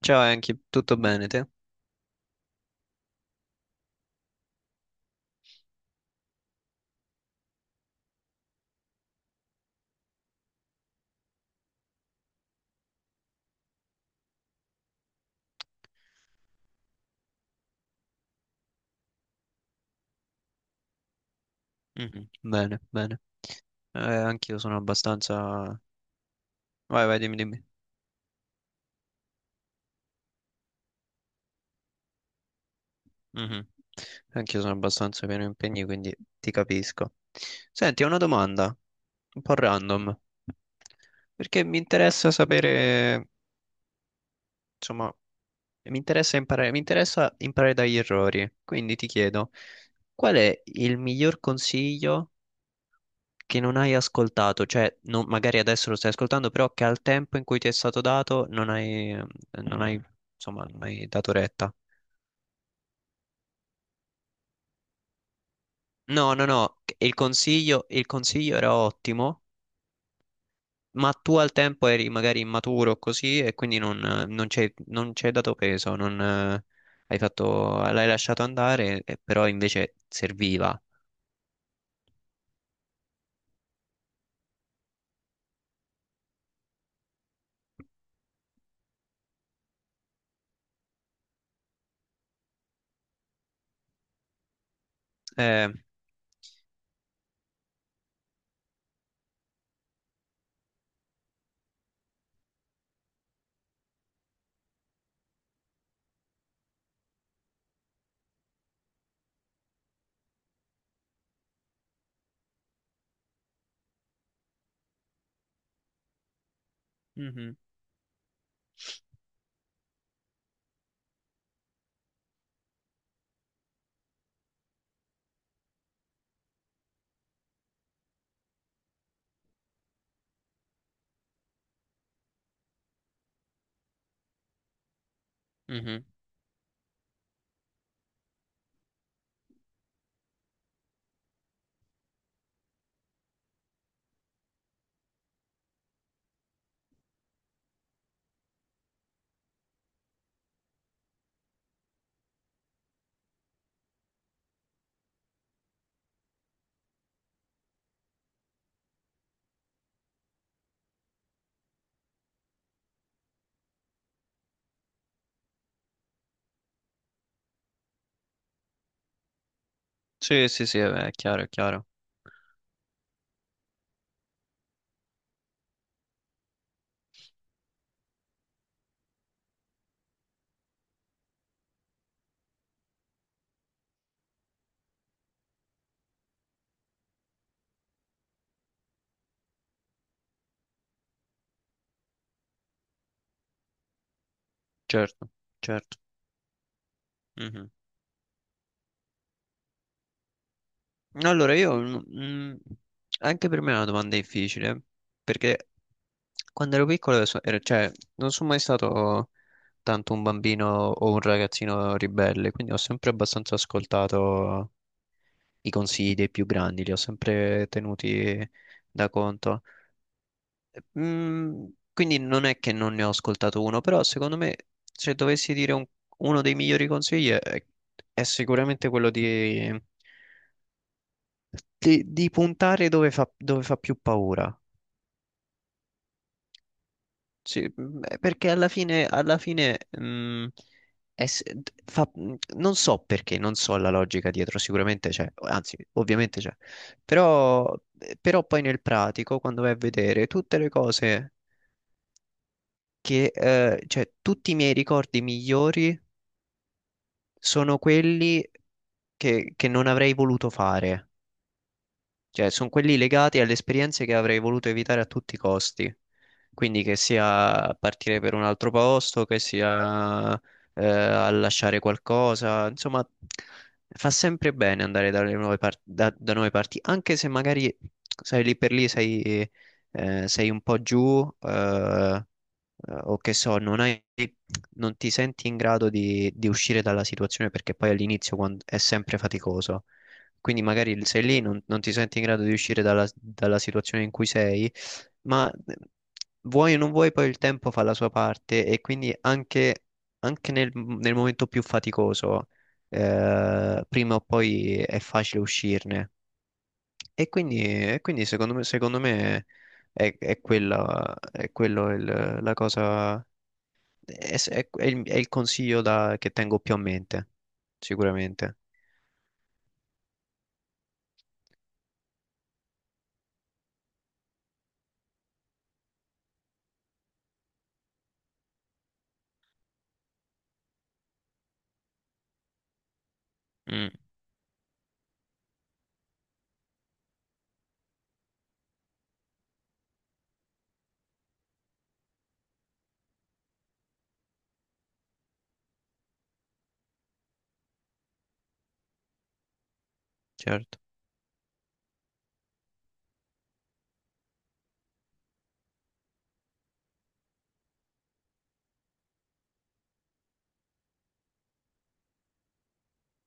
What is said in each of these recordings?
Ciao Enki, tutto bene te? Mhm. Bene, bene. Anch'io sono abbastanza... Vai, vai, dimmi. Mhm. Anch'io sono abbastanza pieno di impegni, quindi ti capisco. Senti, ho una domanda, un po' random, perché mi interessa sapere, insomma, mi interessa imparare dagli errori. Quindi ti chiedo, qual è il miglior consiglio che non hai ascoltato, cioè non- magari adesso lo stai ascoltando, però che al tempo in cui ti è stato dato non hai, non hai, insomma, non hai dato retta. No, no, no, il consiglio era ottimo, ma tu al tempo eri magari immaturo così e non ci hai dato peso, non, hai fatto, l'hai lasciato andare, però invece serviva. Eh, mhm, mhm. Sì, sì, sì, è chiaro, certo, certo. Mhm. Allora, anche per me è una domanda difficile, perché quando ero piccolo, cioè, non sono mai stato tanto un bambino o un ragazzino ribelle, quindi ho sempre abbastanza ascoltato i consigli dei più grandi, li ho sempre tenuti da conto. Mm, quindi non è che non ne ho ascoltato uno, però secondo me se dovessi dire un- uno dei migliori consigli è sicuramente quello di puntare dove fa più paura. Sì, perché alla fine mm, è s- d- fa- mm, non so perché, non so la logica dietro, sicuramente c'è, anzi, ovviamente c'è, però, però poi nel pratico, quando vai a vedere tutte le cose cioè tutti i miei ricordi migliori sono quelli che non avrei voluto fare. Cioè, sono quelli legati alle esperienze che avrei voluto evitare a tutti i costi. Quindi che sia partire per un altro posto, che sia a lasciare qualcosa, insomma, fa sempre bene andare dalle nuove par- da, da nuove parti, anche se magari sai lì per lì sei un po' giù, o che so, non hai, non ti senti in grado di uscire dalla situazione perché poi all'inizio è sempre faticoso. Quindi magari sei lì, non ti senti in grado di uscire dalla situazione in cui sei, ma vuoi o non vuoi, poi il tempo fa la sua parte e quindi anche nel momento più faticoso, prima o poi è facile uscirne. E quindi secondo me è quello la cosa, è, è è il consiglio che tengo più a mente, sicuramente. Mm, certo.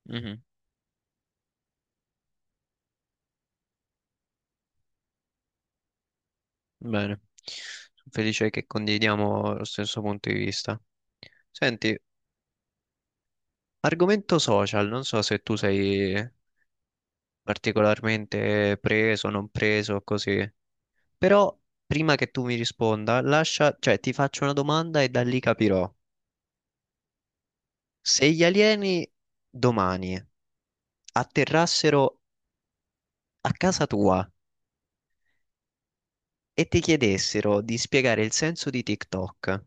Mhm. Bene, sono felice che condividiamo lo stesso punto di vista. Senti, argomento social, non so se tu sei particolarmente preso, non preso, così, però prima che tu mi risponda, lascia, cioè ti faccio una domanda e da lì capirò. Se gli alieni domani atterrassero a casa tua e ti chiedessero di spiegare il senso di TikTok,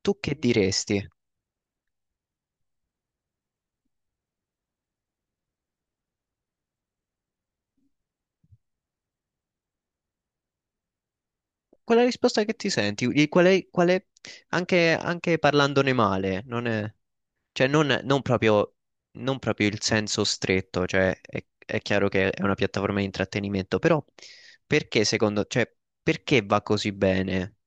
tu che diresti? Qual è la risposta che ti senti? Anche, anche parlandone male, non proprio, non proprio il senso stretto, è chiaro che è una piattaforma di intrattenimento, però cioè perché va così bene?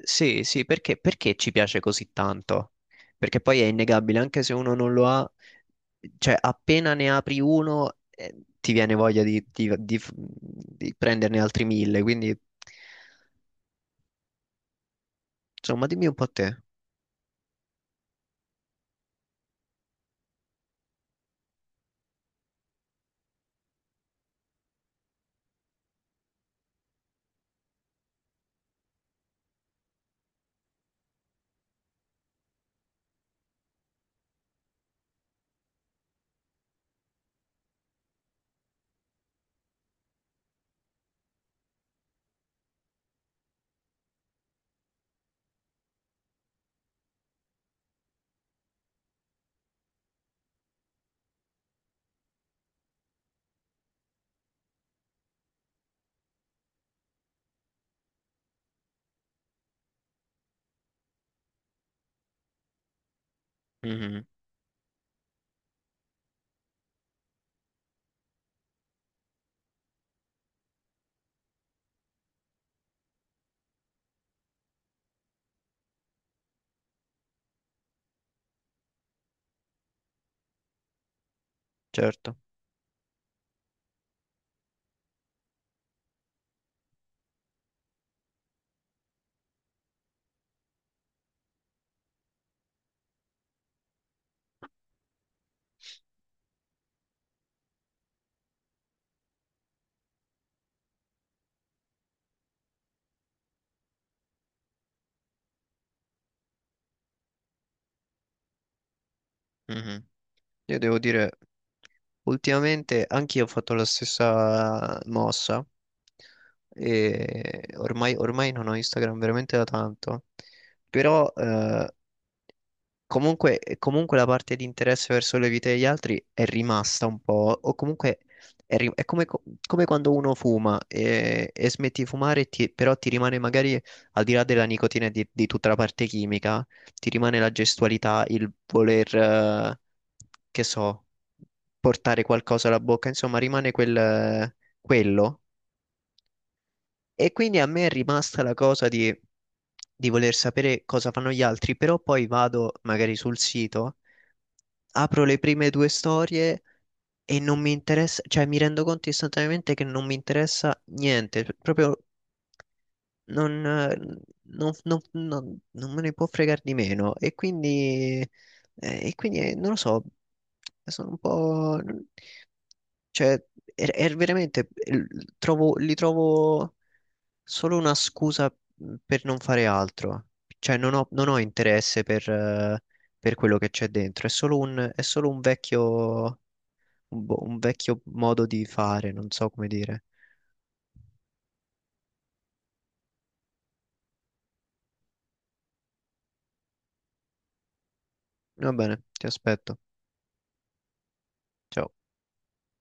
Sì, sì, perché ci piace così tanto? Perché poi è innegabile, anche se uno non lo ha, cioè appena ne apri uno, ti viene voglia di prenderne altri mille, quindi... Insomma, dimmi un po' te. Mhm, certo. Mhm. Io devo dire, ultimamente anch'io ho fatto la stessa mossa e ormai non ho Instagram veramente da tanto, però comunque la parte di interesse verso le vite degli altri è rimasta un po', o comunque è come quando uno fuma e smetti di fumare, e però ti rimane magari, al di là della nicotina e di tutta la parte chimica, ti rimane la gestualità, il voler, che so, portare qualcosa alla bocca, insomma, rimane quello. E quindi a me è rimasta la cosa di voler sapere cosa fanno gli altri, però poi vado magari sul sito, apro le prime due storie e non mi interessa, cioè mi rendo conto istantaneamente che non mi interessa niente, proprio non, non me ne può fregare di meno. E quindi non lo so, sono un po'... Cioè, è veramente, li trovo solo una scusa per non fare altro. Cioè, non ho interesse per quello che c'è dentro. È solo è solo un un vecchio modo di fare, non so come dire. Va bene, ti aspetto. Ciao.